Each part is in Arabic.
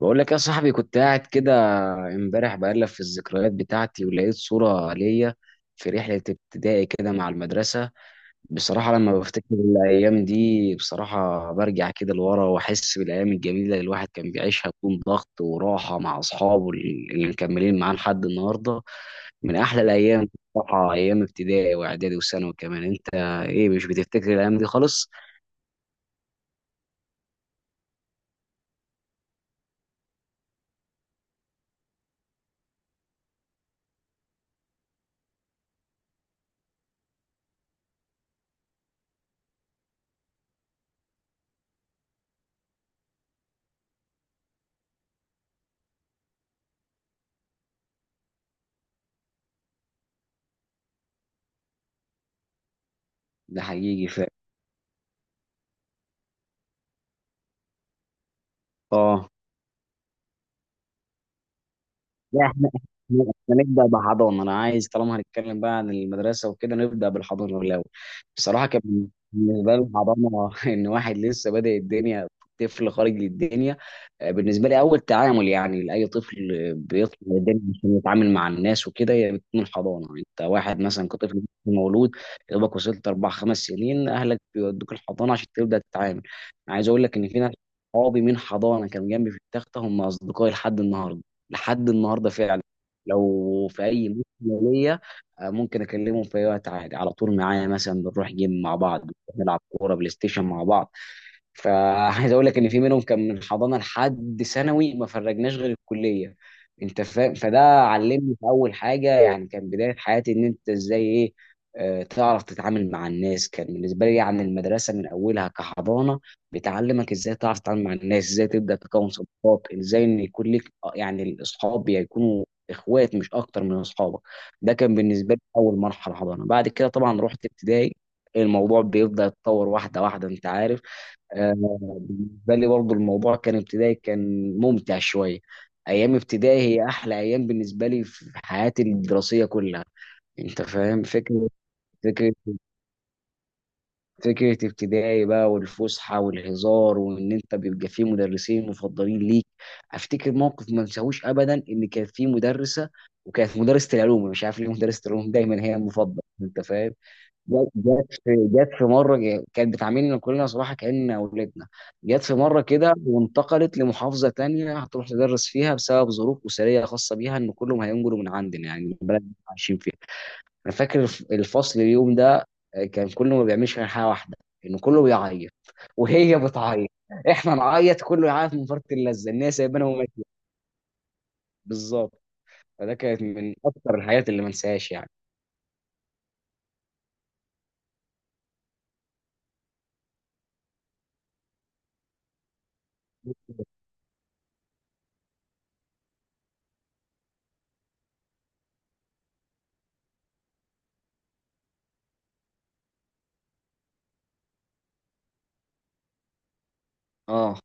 بقول لك يا صاحبي، كنت قاعد كده امبارح بقلب في الذكريات بتاعتي ولقيت صورة ليا في رحلة ابتدائي كده مع المدرسة. بصراحة لما بفتكر الأيام دي، بصراحة برجع كده لورا وأحس بالأيام الجميلة اللي الواحد كان بيعيشها بدون ضغط، وراحة مع أصحابه اللي مكملين معاه لحد النهاردة. من أحلى الأيام. بصراحة أيام ابتدائي وإعدادي وثانوي كمان. أنت إيه، مش بتفتكر الأيام دي خالص؟ ده حقيقي فعلا. آه لا، احنا احنا إحنا نبدا بحضانه. انا عايز طالما هنتكلم بقى عن المدرسه وكده نبدا بالحضانه الاول. بصراحه كان بالنسبه لي الحضانه ان واحد لسه بادئ الدنيا، طفل خارج للدنيا. بالنسبه لي اول تعامل، يعني لاي طفل بيطلع الدنيا عشان يتعامل مع الناس وكده، هي بتكون الحضانه. انت واحد مثلا كطفل مولود، يا دوبك وصلت 4 5 سنين، اهلك بيودوك الحضانه عشان تبدا تتعامل. أنا عايز اقول لك ان في ناس، صحابي من حضانه كانوا جنبي في التخته، هم اصدقائي لحد النهارده. لحد النهارده فعلا. لو في اي مشكله ليا، ممكن اكلمهم في اي وقت عادي، على طول معايا. مثلا بنروح جيم مع بعض، نلعب كوره بلاي ستيشن مع بعض. فعايز اقول لك ان في منهم كان من حضانه لحد ثانوي، ما فرجناش غير الكليه. انت فاهم؟ فده علمني في اول حاجه، يعني كان بدايه حياتي، ان انت ازاي، ايه، تعرف تتعامل مع الناس. كان بالنسبه لي يعني المدرسه من اولها كحضانه بتعلمك ازاي تعرف تتعامل مع الناس، ازاي تبدا تكون صداقات، ازاي ان يكون لك، يعني الاصحاب يكونوا اخوات مش اكتر من اصحابك. ده كان بالنسبه لي اول مرحله، حضانه. بعد كده طبعا رحت ابتدائي، الموضوع بيبدا يتطور واحده واحده، انت عارف. آه، بالنسبة لي برضو الموضوع كان، ابتدائي كان ممتع شوية. أيام ابتدائي هي أحلى أيام بالنسبة لي في حياتي الدراسية كلها. أنت فاهم فكرة، فكرة فكرة ابتدائي بقى، والفسحة والهزار وإن أنت بيبقى فيه مدرسين مفضلين ليك. أفتكر موقف ما انساهوش أبدا، إن كان فيه مدرسة، وكانت مدرسة العلوم، مش عارف ليه مدرسة العلوم دايما هي المفضلة. أنت فاهم، جت في مره كانت بتعاملنا كلنا صراحه كأننا اولادنا. جت في مره كده وانتقلت لمحافظه تانية هتروح تدرس فيها بسبب ظروف اسريه خاصه بيها، ان كلهم هينقلوا من عندنا، يعني من البلد اللي إحنا عايشين فيها. انا فاكر الفصل اليوم ده، كان كله ما بيعملش غير حاجه واحده ان كله بيعيط. وهي بتعيط، احنا نعيط، كله يعيط، من فرط اللذه ان هي سايبانا وماشيه. بالظبط، فده كانت من اكتر الحاجات اللي ما انساهاش يعني. اه،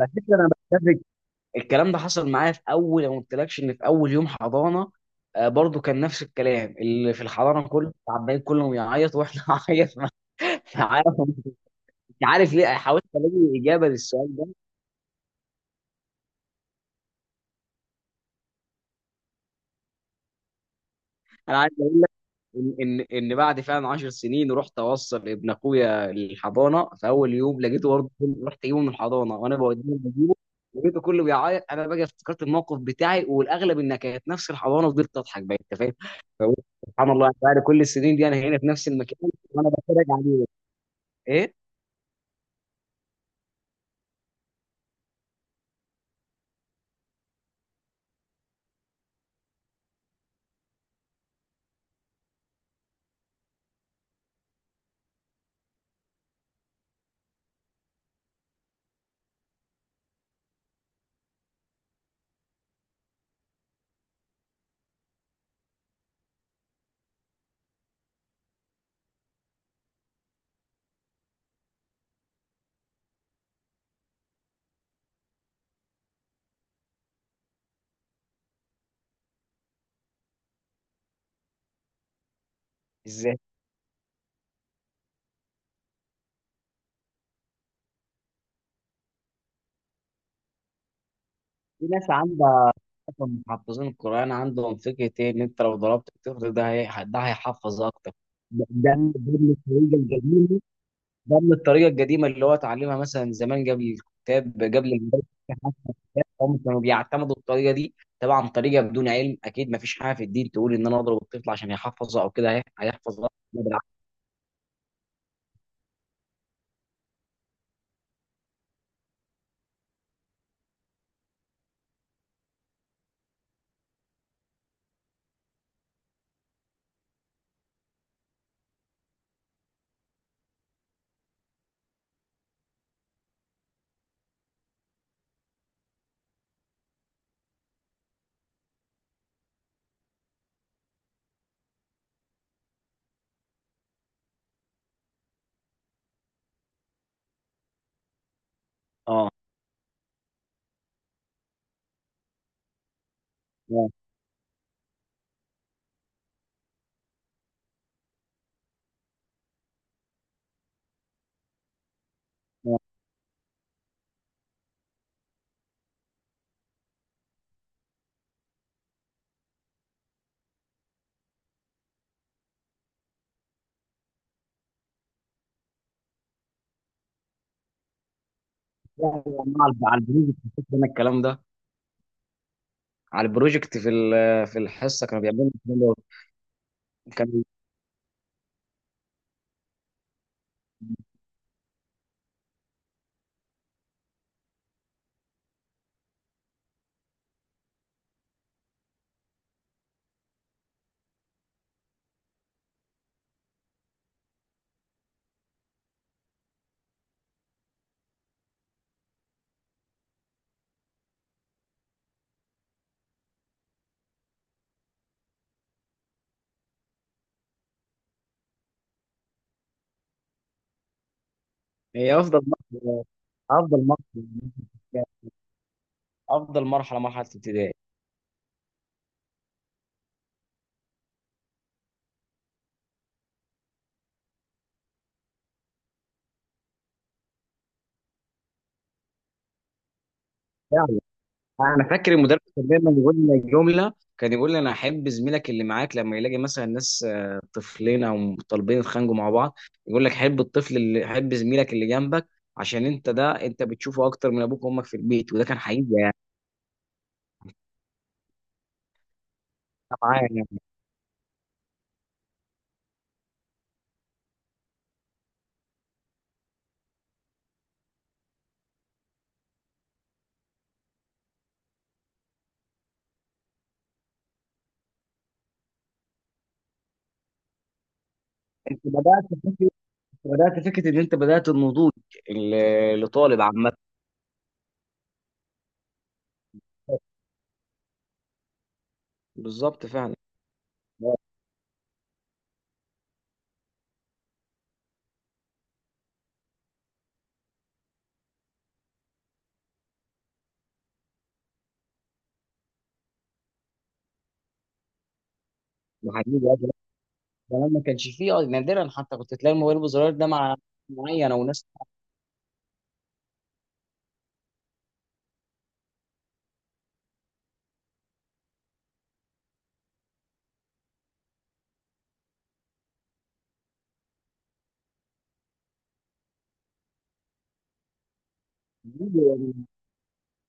على فكره انا بتفق، الكلام ده حصل معايا، في اول ما قلتلكش ان في اول يوم حضانه، برضو كان نفس الكلام، اللي في الحضانه كله عمالين كلهم يعيط واحنا عيط معاه. مش عارف، مش عارف ليه، حاولت الاقي اجابه للسؤال ده. انا ان بعد فعلا 10 سنين رحت اوصل ابن اخويا الحضانه، في اول يوم لقيته برضه، رحت اجيبه من الحضانه وانا بوديه بجيبه، لقيته كله بيعيط. انا بقى افتكرت الموقف بتاعي، والاغلب انها كانت نفس الحضانه. فضلت اضحك بقى، انت فاهم. فقلت سبحان الله، بعد كل السنين دي انا هنا في نفس المكان وانا بتفرج عليه. ايه؟ ازاي؟ في ناس عندها اصلا، محفظين القران عندهم فكره ايه، ان انت لو ضربت الطفل ده ده هيحفظ اكتر. ده من الطريقه القديمه، ده من الطريقه القديمه اللي هو اتعلمها مثلا زمان، قبل الكتاب، قبل المدرسه. هم كانوا بيعتمدوا الطريقه دي، طبعا طريقه بدون علم. اكيد ما فيش حاجه في الدين تقول ان انا اضرب الطفل عشان يحفظه او كده هيحفظ غلط. لا بالعكس. اه. آه. يعني على البروجكت كان الكلام ده، على البروجكت في الحصه كانوا بيعملوا الكلام ده. كان، هي افضل مرحله، افضل مرحله افضل مرحله، ابتدائي. انا فاكر المدرس كان دايما يقول لنا جمله، كان يقول لي انا احب زميلك اللي معاك، لما يلاقي مثلا ناس، طفلين او طالبين يتخانقوا مع بعض، يقول لك حب الطفل، اللي حب زميلك اللي جنبك، عشان انت ده انت بتشوفه اكتر من ابوك وامك في البيت، وده كان حقيقي يعني. أنا معايا، يعني انت بدات فكره، بدات فكره ان انت بدات النضوج لطالب عامه. بالظبط فعلا. لا، ده حقيقي. زمان ما كانش فيه، نادرا حتى كنت تلاقي الموبايل بزرار ده مع معين او ناس.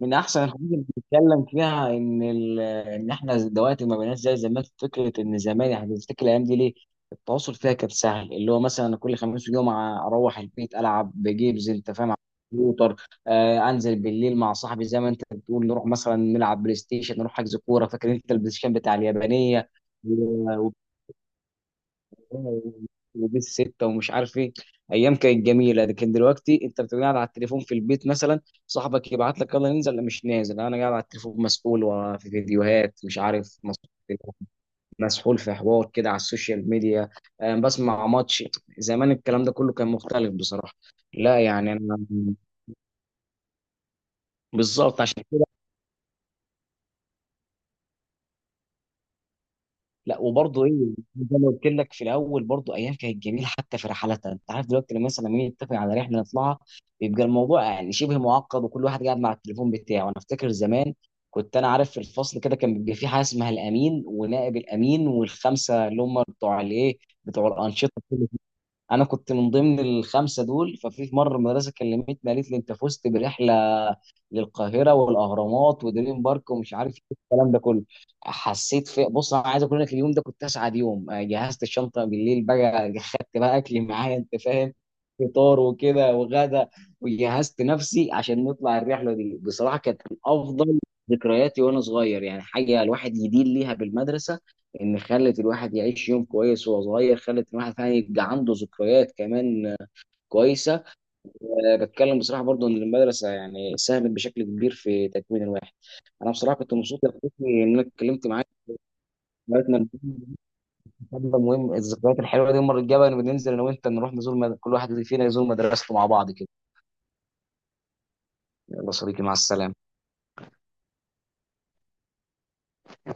من احسن الحاجات اللي بنتكلم فيها ان ان احنا دلوقتي ما بقيناش زي زمان، في فكره ان زمان، يعني تفتكر الايام دي ليه التواصل فيها كان سهل. اللي هو مثلا أنا كل خميس وجمعه اروح البيت العب بجيمز، انت فاهم، على الكمبيوتر. آه، انزل بالليل مع صاحبي، زي ما انت بتقول نروح مثلا نلعب بلاي ستيشن، نروح حجز كوره. فاكر انت البلاي ستيشن بتاع اليابانيه وبيس ستة ومش عارف ايه. ايام كانت جميله. لكن دلوقتي انت بتبقى قاعد على التليفون في البيت مثلا، صاحبك يبعت لك يلا ننزل، لا مش نازل انا قاعد على التليفون، مسؤول وفي فيديوهات، مش عارف، مسحول في حوار كده على السوشيال ميديا، بسمع ماتش. زمان الكلام ده كله كان مختلف بصراحه. لا يعني انا، بالظبط عشان كده. لا وبرضه ايه، زي ما قلت لك في الاول، برضه ايام كانت جميله حتى في رحلاتها. انت عارف دلوقتي لما مثلا مين يتفق على رحله نطلعها، بيبقى الموضوع يعني شبه معقد، وكل واحد قاعد مع التليفون بتاعه. انا افتكر زمان كنت انا عارف في الفصل كده كان بيبقى في حاجه اسمها الامين ونائب الامين، والخمسه اللي هم بتوع الايه، بتوع الانشطه. انا كنت من ضمن الخمسه دول. ففي مره المدرسه كلمتني، قالت لي انت فزت برحله للقاهره والاهرامات ودريم بارك ومش عارف ايه الكلام ده كله. حسيت، في بص انا عايز اقول لك اليوم ده كنت اسعد يوم. جهزت الشنطه بالليل بقى، خدت بقى اكلي معايا، انت فاهم، فطار وكده وغدا، وجهزت نفسي عشان نطلع الرحله دي. بصراحه كانت من افضل ذكرياتي وانا صغير. يعني حاجه الواحد يدين ليها بالمدرسه، ان خلت الواحد يعيش يوم كويس وهو صغير، خلت الواحد يعني يبقى عنده ذكريات كمان كويسه. أه، بتكلم بصراحه برضو ان المدرسه يعني ساهمت بشكل كبير في تكوين الواحد. انا بصراحه كنت مبسوط يا صديقي ان انا اتكلمت معاك. حياتنا، مهم الذكريات الحلوه دي. المره الجايه بقى نبقى ننزل انا وانت، نروح نزور كل واحد فينا يزور مدرسته مع بعض كده. يلا صديقي، مع السلامه.